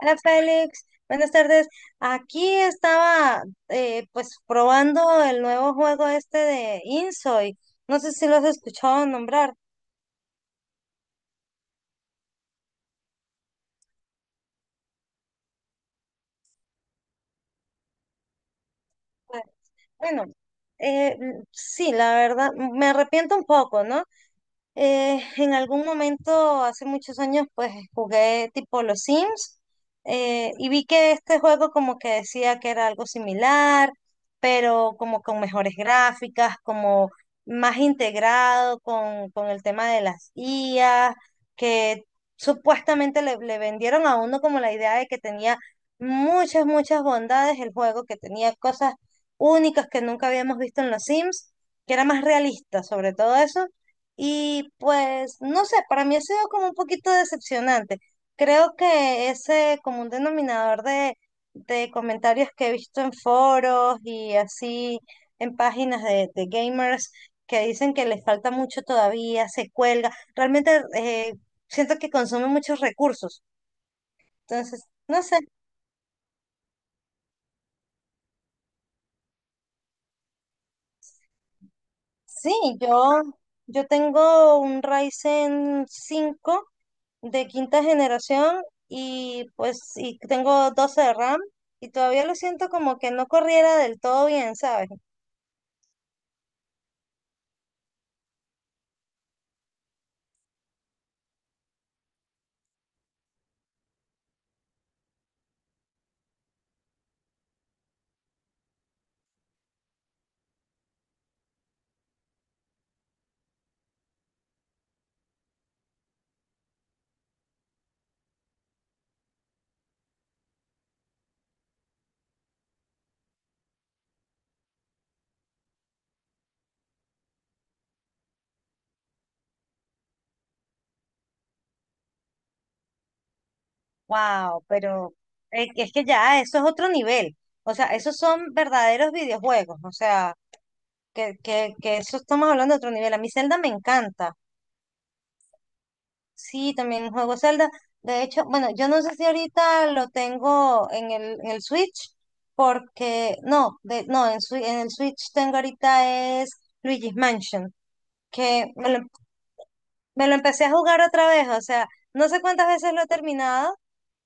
Hola Félix, buenas tardes. Aquí estaba, pues probando el nuevo juego este de Insoy. No sé si lo has escuchado nombrar. Pues, bueno, sí, la verdad, me arrepiento un poco, ¿no? En algún momento, hace muchos años, pues jugué tipo los Sims, y vi que este juego como que decía que era algo similar, pero como con mejores gráficas, como más integrado con el tema de las IA, que supuestamente le vendieron a uno como la idea de que tenía muchas, muchas bondades el juego, que tenía cosas únicas que nunca habíamos visto en los Sims, que era más realista sobre todo eso y pues, no sé, para mí ha sido como un poquito decepcionante. Creo que ese como un denominador de comentarios que he visto en foros y así en páginas de gamers, que dicen que les falta mucho todavía, se cuelga. Realmente, siento que consume muchos recursos. Entonces, no sé. Sí, yo, yo tengo un Ryzen 5 de quinta generación y pues y tengo 12 de RAM y todavía lo siento como que no corriera del todo bien, ¿sabes? Wow, pero es que ya eso es otro nivel. O sea, esos son verdaderos videojuegos. O sea, que eso estamos hablando de otro nivel. A mí Zelda me encanta. Sí, también juego Zelda. De hecho, bueno, yo no sé si ahorita lo tengo en el Switch, porque no, de, no, en, Swi- en el Switch tengo ahorita es Luigi's Mansion. Que me lo empecé a jugar otra vez, o sea, no sé cuántas veces lo he terminado,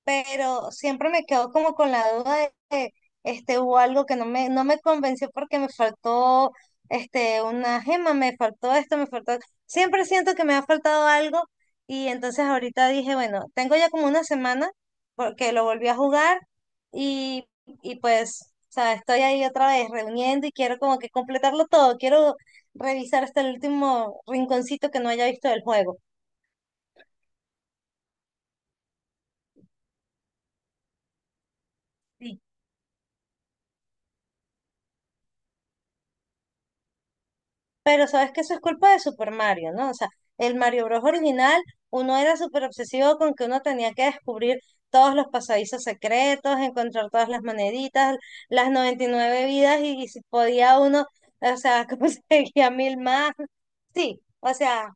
pero siempre me quedo como con la duda de que hubo algo que no me convenció porque me faltó una gema, me faltó esto, me faltó. Siempre siento que me ha faltado algo y entonces ahorita dije, bueno, tengo ya como una semana porque lo volví a jugar y, y pues, o sea, estoy ahí otra vez reuniendo y quiero como que completarlo todo, quiero revisar hasta el último rinconcito que no haya visto del juego. Pero sabes que eso es culpa de Super Mario, ¿no? O sea, el Mario Bros. Original, uno era súper obsesivo con que uno tenía que descubrir todos los pasadizos secretos, encontrar todas las moneditas, las 99 vidas, y si podía uno, o sea, conseguía mil más. Sí, o sea,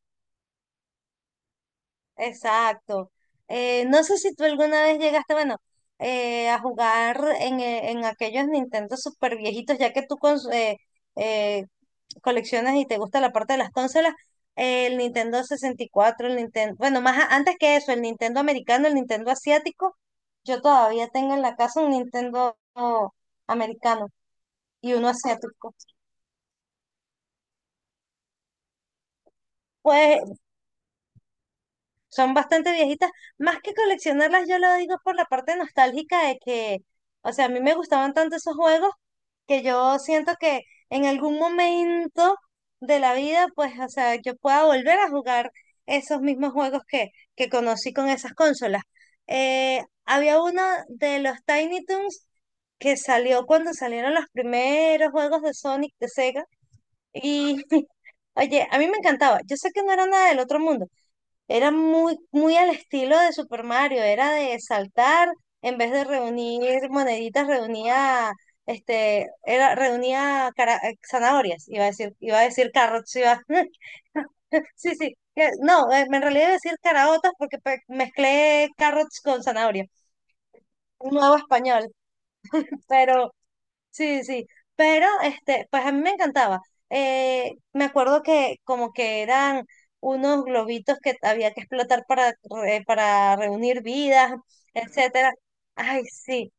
exacto. No sé si tú alguna vez llegaste, bueno, a jugar en aquellos Nintendo super viejitos, ya que tú con eh, coleccionas y te gusta la parte de las consolas, el Nintendo 64, el Nintendo, bueno, antes que eso, el Nintendo americano, el Nintendo asiático. Yo todavía tengo en la casa un Nintendo americano y uno asiático. Pues son bastante viejitas. Más que coleccionarlas, yo lo digo por la parte nostálgica de que, o sea, a mí me gustaban tanto esos juegos que yo siento que en algún momento de la vida, pues, o sea, yo pueda volver a jugar esos mismos juegos que conocí con esas consolas. Había uno de los Tiny Toons que salió cuando salieron los primeros juegos de Sonic de Sega y, oye, a mí me encantaba. Yo sé que no era nada del otro mundo, era muy, muy al estilo de Super Mario, era de saltar, en vez de reunir moneditas, reunía, zanahorias. Iba a decir carrots, iba, sí, sí, no, en realidad iba a decir caraotas porque mezclé carrots con zanahoria, nuevo español, pero sí, sí, pero pues a mí me encantaba. Me acuerdo que como que eran unos globitos que había que explotar para, para reunir vidas, etcétera. Ay, sí,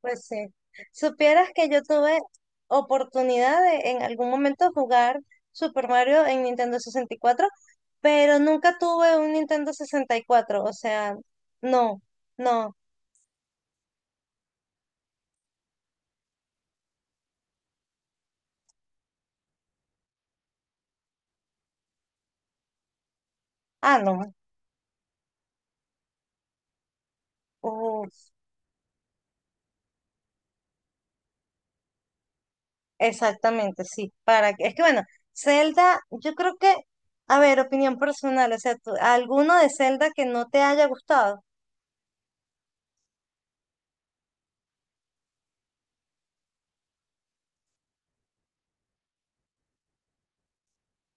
pues sí. Supieras que yo tuve oportunidad de en algún momento jugar Super Mario en Nintendo 64, pero nunca tuve un Nintendo 64. O sea, no, no, no. Uf. Exactamente, sí. Para que, es que bueno, Zelda, yo creo que, a ver, opinión personal, o sea, alguno de Zelda que no te haya gustado.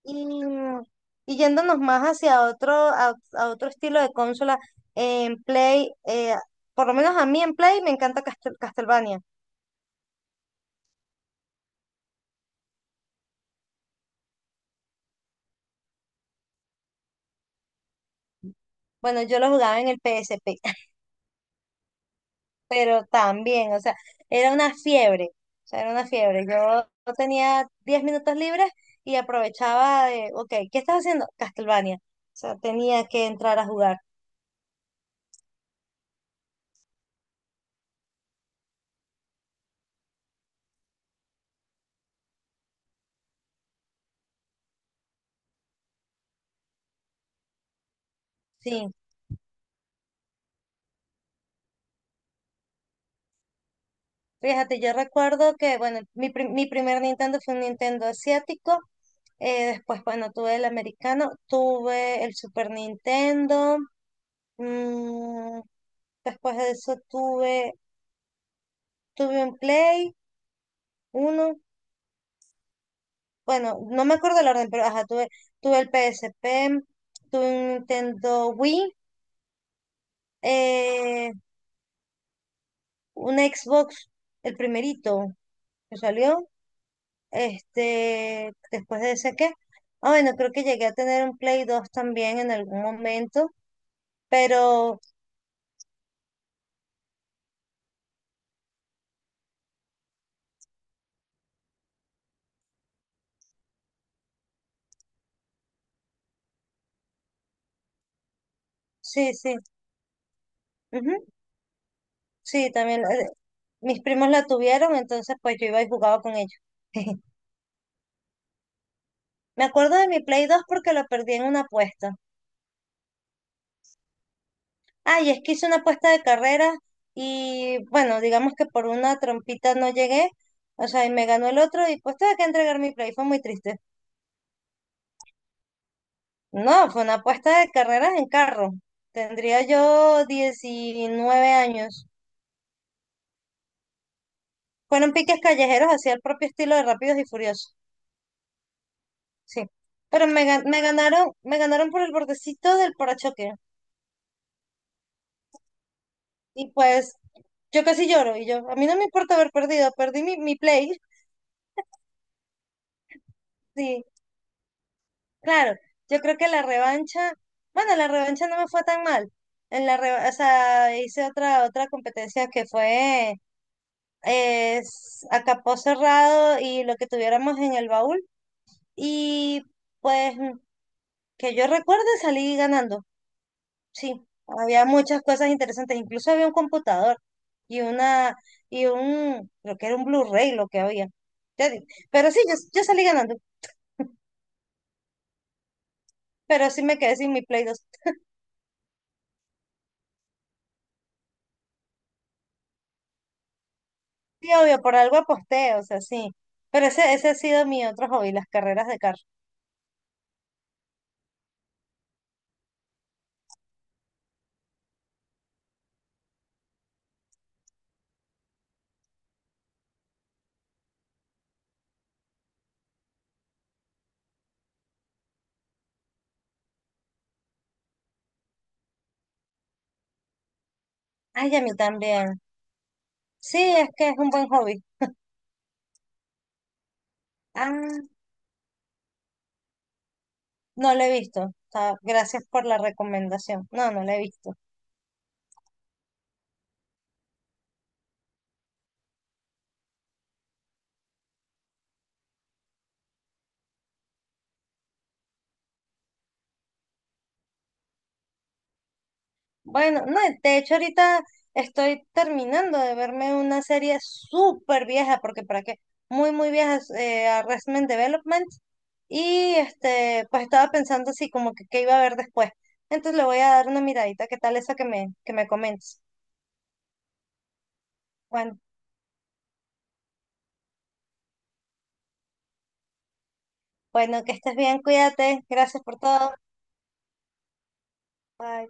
Y, y yéndonos más hacia otro, a otro estilo de consola, en Play, por lo menos a mí en Play me encanta Castlevania. Bueno, yo lo jugaba en el PSP, pero también, o sea, era una fiebre, o sea, era una fiebre. Yo tenía 10 minutos libres y aprovechaba de, ok, ¿qué estás haciendo? Castlevania. O sea, tenía que entrar a jugar. Sí, fíjate, yo recuerdo que, bueno, mi primer Nintendo fue un Nintendo asiático. Después, bueno, tuve el americano, tuve el Super Nintendo. mm, Después de eso tuve un Play 1. Bueno, no me acuerdo el orden, pero ajá, tuve el P S P, tuve un Nintendo Wii, eh, un Xbox, el primerito que salió, después de ese que, bueno, creo que llegué a tener un Play 2 también en algún momento, pero sí, sí, ujú, sí, también, mis primos la tuvieron, entonces pues yo iba y jugaba con ellos. Me acuerdo de mi Play 2 porque lo perdí en una apuesta. Ay, es que hice una apuesta de carrera y bueno, digamos que por una trompita no llegué, o sea, y me ganó el otro y pues tuve que entregar mi play, fue muy triste. No, fue una apuesta de carreras en carro. Tendría yo 19 años. Fueron piques callejeros hacia el propio estilo de Rápidos y Furiosos, sí. Pero me ganaron por el bordecito del parachoque. Y pues yo casi lloro y yo, a mí no me importa haber perdido, perdí mi play, sí. Claro, yo creo que la revancha, bueno, la revancha no me fue tan mal. O sea, hice otra competencia que fue a capó cerrado y lo que tuviéramos en el baúl y pues que yo recuerde salí ganando. Sí, había muchas cosas interesantes, incluso había un computador y una y un, creo que era un Blu-ray lo que había. Ya di- Pero sí, yo salí ganando, pero sí me quedé sin mi Play. Sí, obvio, por algo aposté, o sea, sí. Pero ese ha sido mi otro hobby, las carreras de carro. Ay, a mí también. Sí, es que es un buen hobby. Ah, no lo he visto. Ah, gracias por la recomendación. No, no lo he visto. Bueno, no, de hecho ahorita estoy terminando de verme una serie súper vieja, porque para qué, muy, muy vieja, Arrested Development. Y pues estaba pensando así como que qué iba a ver después. Entonces le voy a dar una miradita. ¿Qué tal esa que me comentas? Bueno. Bueno, que estés bien, cuídate. Gracias por todo. Bye.